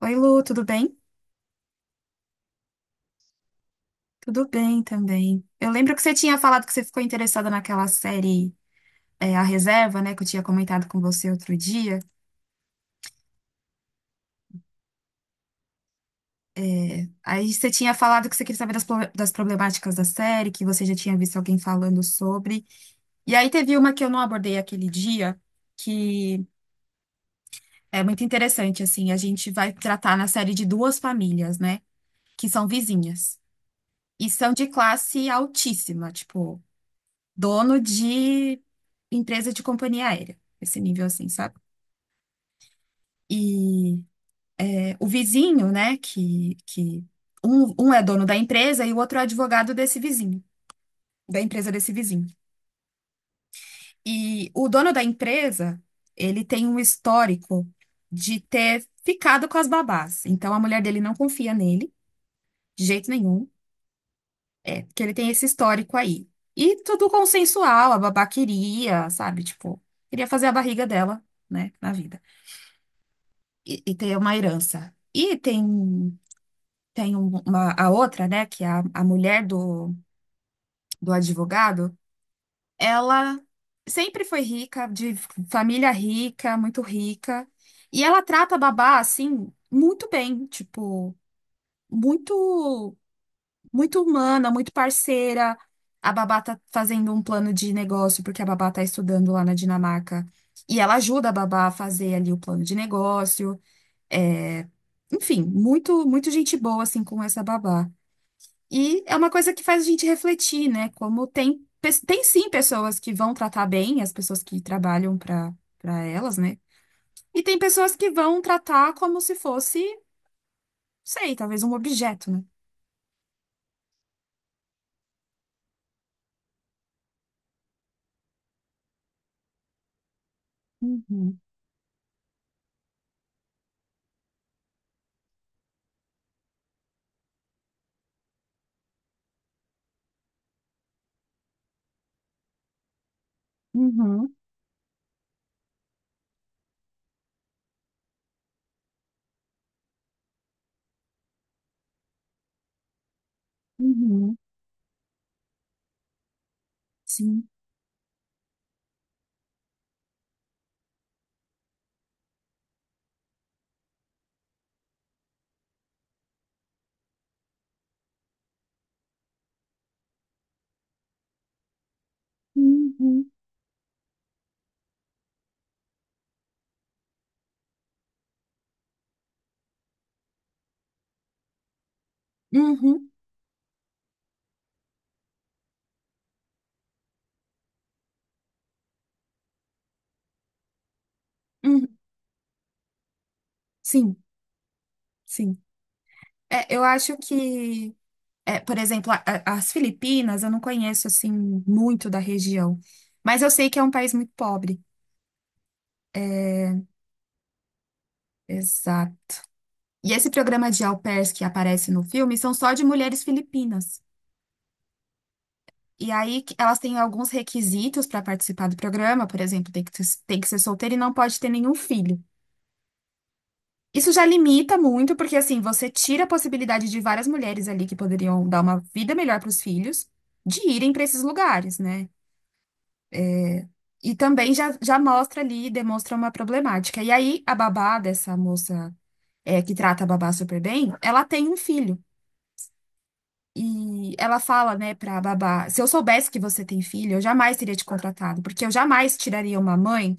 Oi, Lu, tudo bem? Tudo bem também. Eu lembro que você tinha falado que você ficou interessada naquela série, A Reserva, né, que eu tinha comentado com você outro dia. Aí você tinha falado que você queria saber das, das problemáticas da série, que você já tinha visto alguém falando sobre. E aí teve uma que eu não abordei aquele dia, que é muito interessante, assim, a gente vai tratar na série de duas famílias, né, que são vizinhas. E são de classe altíssima, tipo, dono de empresa de companhia aérea. Esse nível assim, sabe? E o vizinho, né, que um é dono da empresa e o outro é advogado desse vizinho, da empresa desse vizinho. E o dono da empresa, ele tem um histórico de ter ficado com as babás. Então a mulher dele não confia nele, de jeito nenhum, porque ele tem esse histórico aí. E tudo consensual, a babá queria, sabe, tipo, queria fazer a barriga dela, né, na vida. E ter uma herança. E tem tem uma, a outra, né, que é a mulher do, do advogado, ela sempre foi rica, de família rica, muito rica, e ela trata a babá, assim, muito bem, tipo, muito, muito humana, muito parceira. A babá tá fazendo um plano de negócio, porque a babá tá estudando lá na Dinamarca, e ela ajuda a babá a fazer ali o plano de negócio, é... Enfim, muito, muito gente boa, assim, com essa babá. E é uma coisa que faz a gente refletir, né? Como tem, tem sim pessoas que vão tratar bem as pessoas que trabalham para elas, né? E tem pessoas que vão tratar como se fosse, sei, talvez um objeto, né? Uhum, uhum, uhum, sim. Uhum, uhum, uhum, sim, sim. É, eu acho que, é, Por exemplo, as Filipinas, eu não conheço assim muito da região, mas eu sei que é um país muito pobre. É. Exato. E esse programa de au pairs que aparece no filme são só de mulheres filipinas. E aí elas têm alguns requisitos para participar do programa, por exemplo, tem que ser solteira e não pode ter nenhum filho. Isso já limita muito, porque assim, você tira a possibilidade de várias mulheres ali que poderiam dar uma vida melhor para os filhos de irem para esses lugares, né? E também já, já mostra ali, demonstra uma problemática. E aí a babá dessa moça, que trata a babá super bem, ela tem um filho. E ela fala, né, pra babá: se eu soubesse que você tem filho, eu jamais teria te contratado, porque eu jamais tiraria uma mãe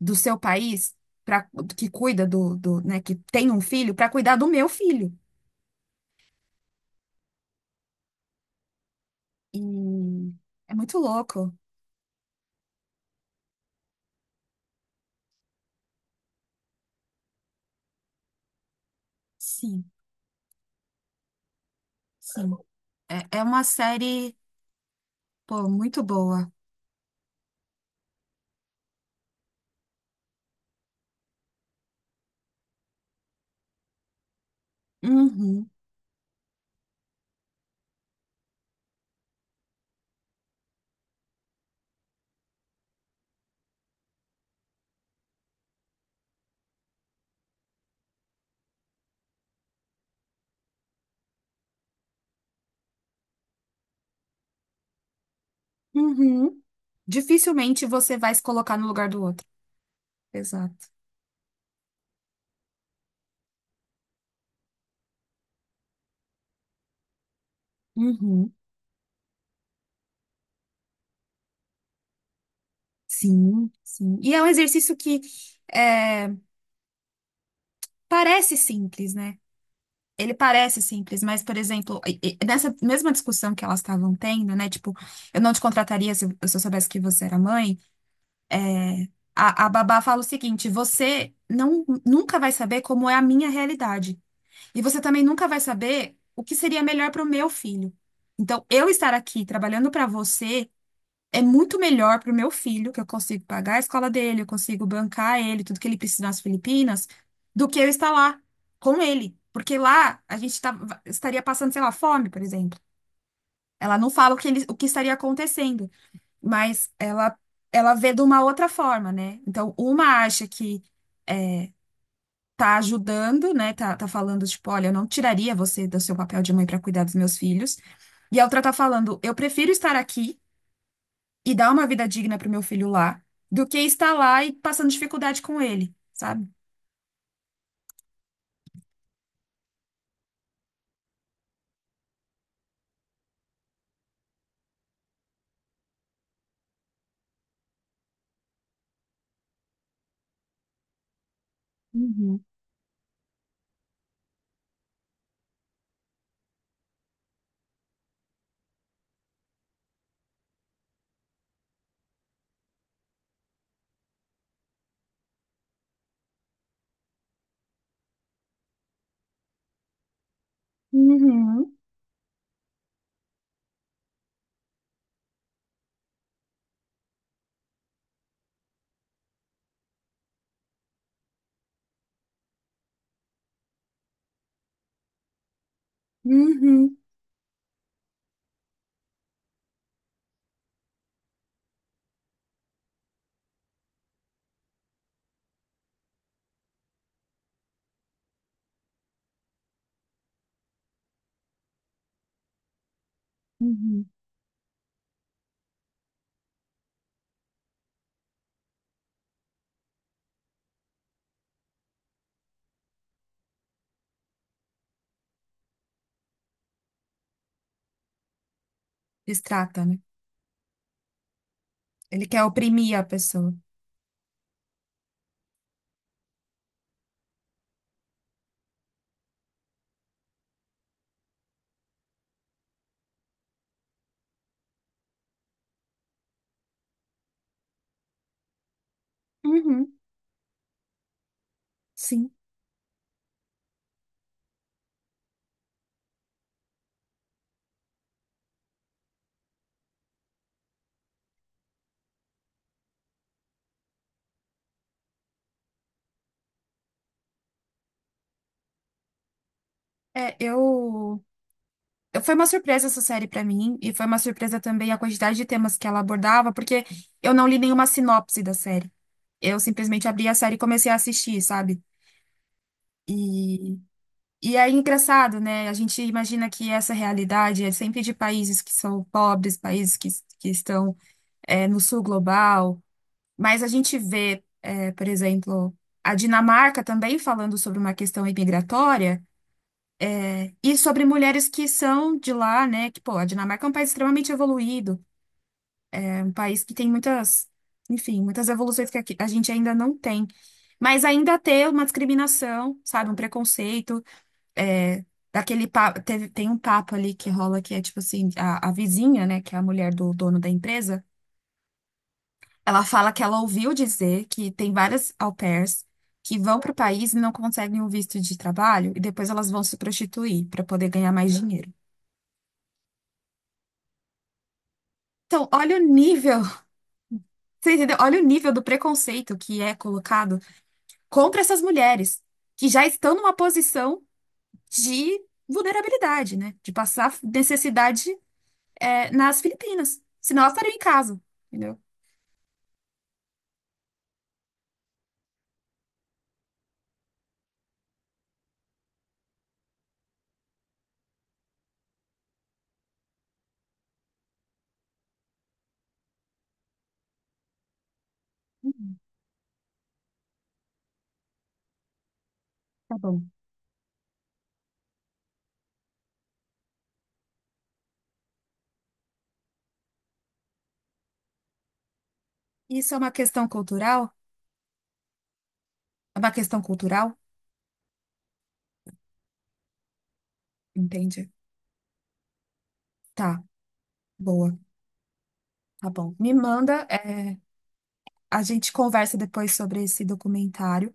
do seu país para que cuida do, do, né, que tem um filho, para cuidar do meu filho. E é muito louco. Sim, sim. É, é uma série, pô, muito boa. Uhum, uhum. Dificilmente você vai se colocar no lugar do outro. Exato. Uhum. Sim, sim. E é um exercício que é, parece simples, né? Ele parece simples, mas, por exemplo, nessa mesma discussão que elas estavam tendo, né? Tipo, eu não te contrataria se eu soubesse que você era mãe. é, a babá fala o seguinte: você não, nunca vai saber como é a minha realidade. E você também nunca vai saber o que seria melhor para o meu filho. Então, eu estar aqui trabalhando para você é muito melhor para o meu filho, que eu consigo pagar a escola dele, eu consigo bancar ele, tudo que ele precisa nas Filipinas, do que eu estar lá com ele. Porque lá a gente estaria passando, sei lá, fome, por exemplo. Ela não fala o que, o que estaria acontecendo, mas ela vê de uma outra forma, né? Então, uma acha que tá ajudando, né? Tá, tá falando, tipo, olha, eu não tiraria você do seu papel de mãe para cuidar dos meus filhos. E a outra tá falando, eu prefiro estar aqui e dar uma vida digna pro meu filho lá, do que estar lá e passando dificuldade com ele, sabe? Uhum, uhum, uhum. Distrata, né? Ele quer oprimir a pessoa. Uhum, sim. É, eu. Foi uma surpresa essa série pra mim, e foi uma surpresa também a quantidade de temas que ela abordava, porque eu não li nenhuma sinopse da série. Eu simplesmente abri a série e comecei a assistir, sabe? E E é engraçado, né? A gente imagina que essa realidade é sempre de países que são pobres, países que estão no sul global, mas a gente vê, é, por exemplo, a Dinamarca também falando sobre uma questão imigratória e sobre mulheres que são de lá, né? Que, pô, a Dinamarca é um país extremamente evoluído, é um país que tem muitas, enfim, muitas evoluções que a gente ainda não tem. Mas ainda tem uma discriminação, sabe, um preconceito. é, Daquele papo, teve, tem um papo ali que rola que é tipo assim, a vizinha, né, que é a mulher do dono da empresa, ela fala que ela ouviu dizer que tem várias au pairs que vão para o país e não conseguem um visto de trabalho e depois elas vão se prostituir para poder ganhar mais dinheiro. Então, olha o nível, você entendeu? Olha o nível do preconceito que é colocado contra essas mulheres que já estão numa posição de vulnerabilidade, né? De passar necessidade nas Filipinas. Senão elas estariam em casa, entendeu? Hum. Tá bom. Isso é uma questão cultural? É uma questão cultural? Entende? Tá, boa, tá bom. Me manda, a gente conversa depois sobre esse documentário,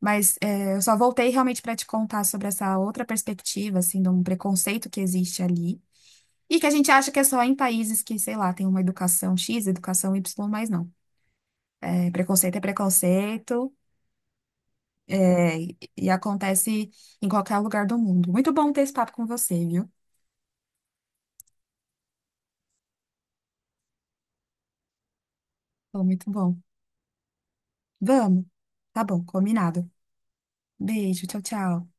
mas é, eu só voltei realmente para te contar sobre essa outra perspectiva, assim, de um preconceito que existe ali e que a gente acha que é só em países que, sei lá, tem uma educação X, educação Y, mas não. É, preconceito é preconceito. É, e acontece em qualquer lugar do mundo. Muito bom ter esse papo com você, viu? Foi muito bom. Vamos. Tá bom, combinado. Beijo, tchau, tchau.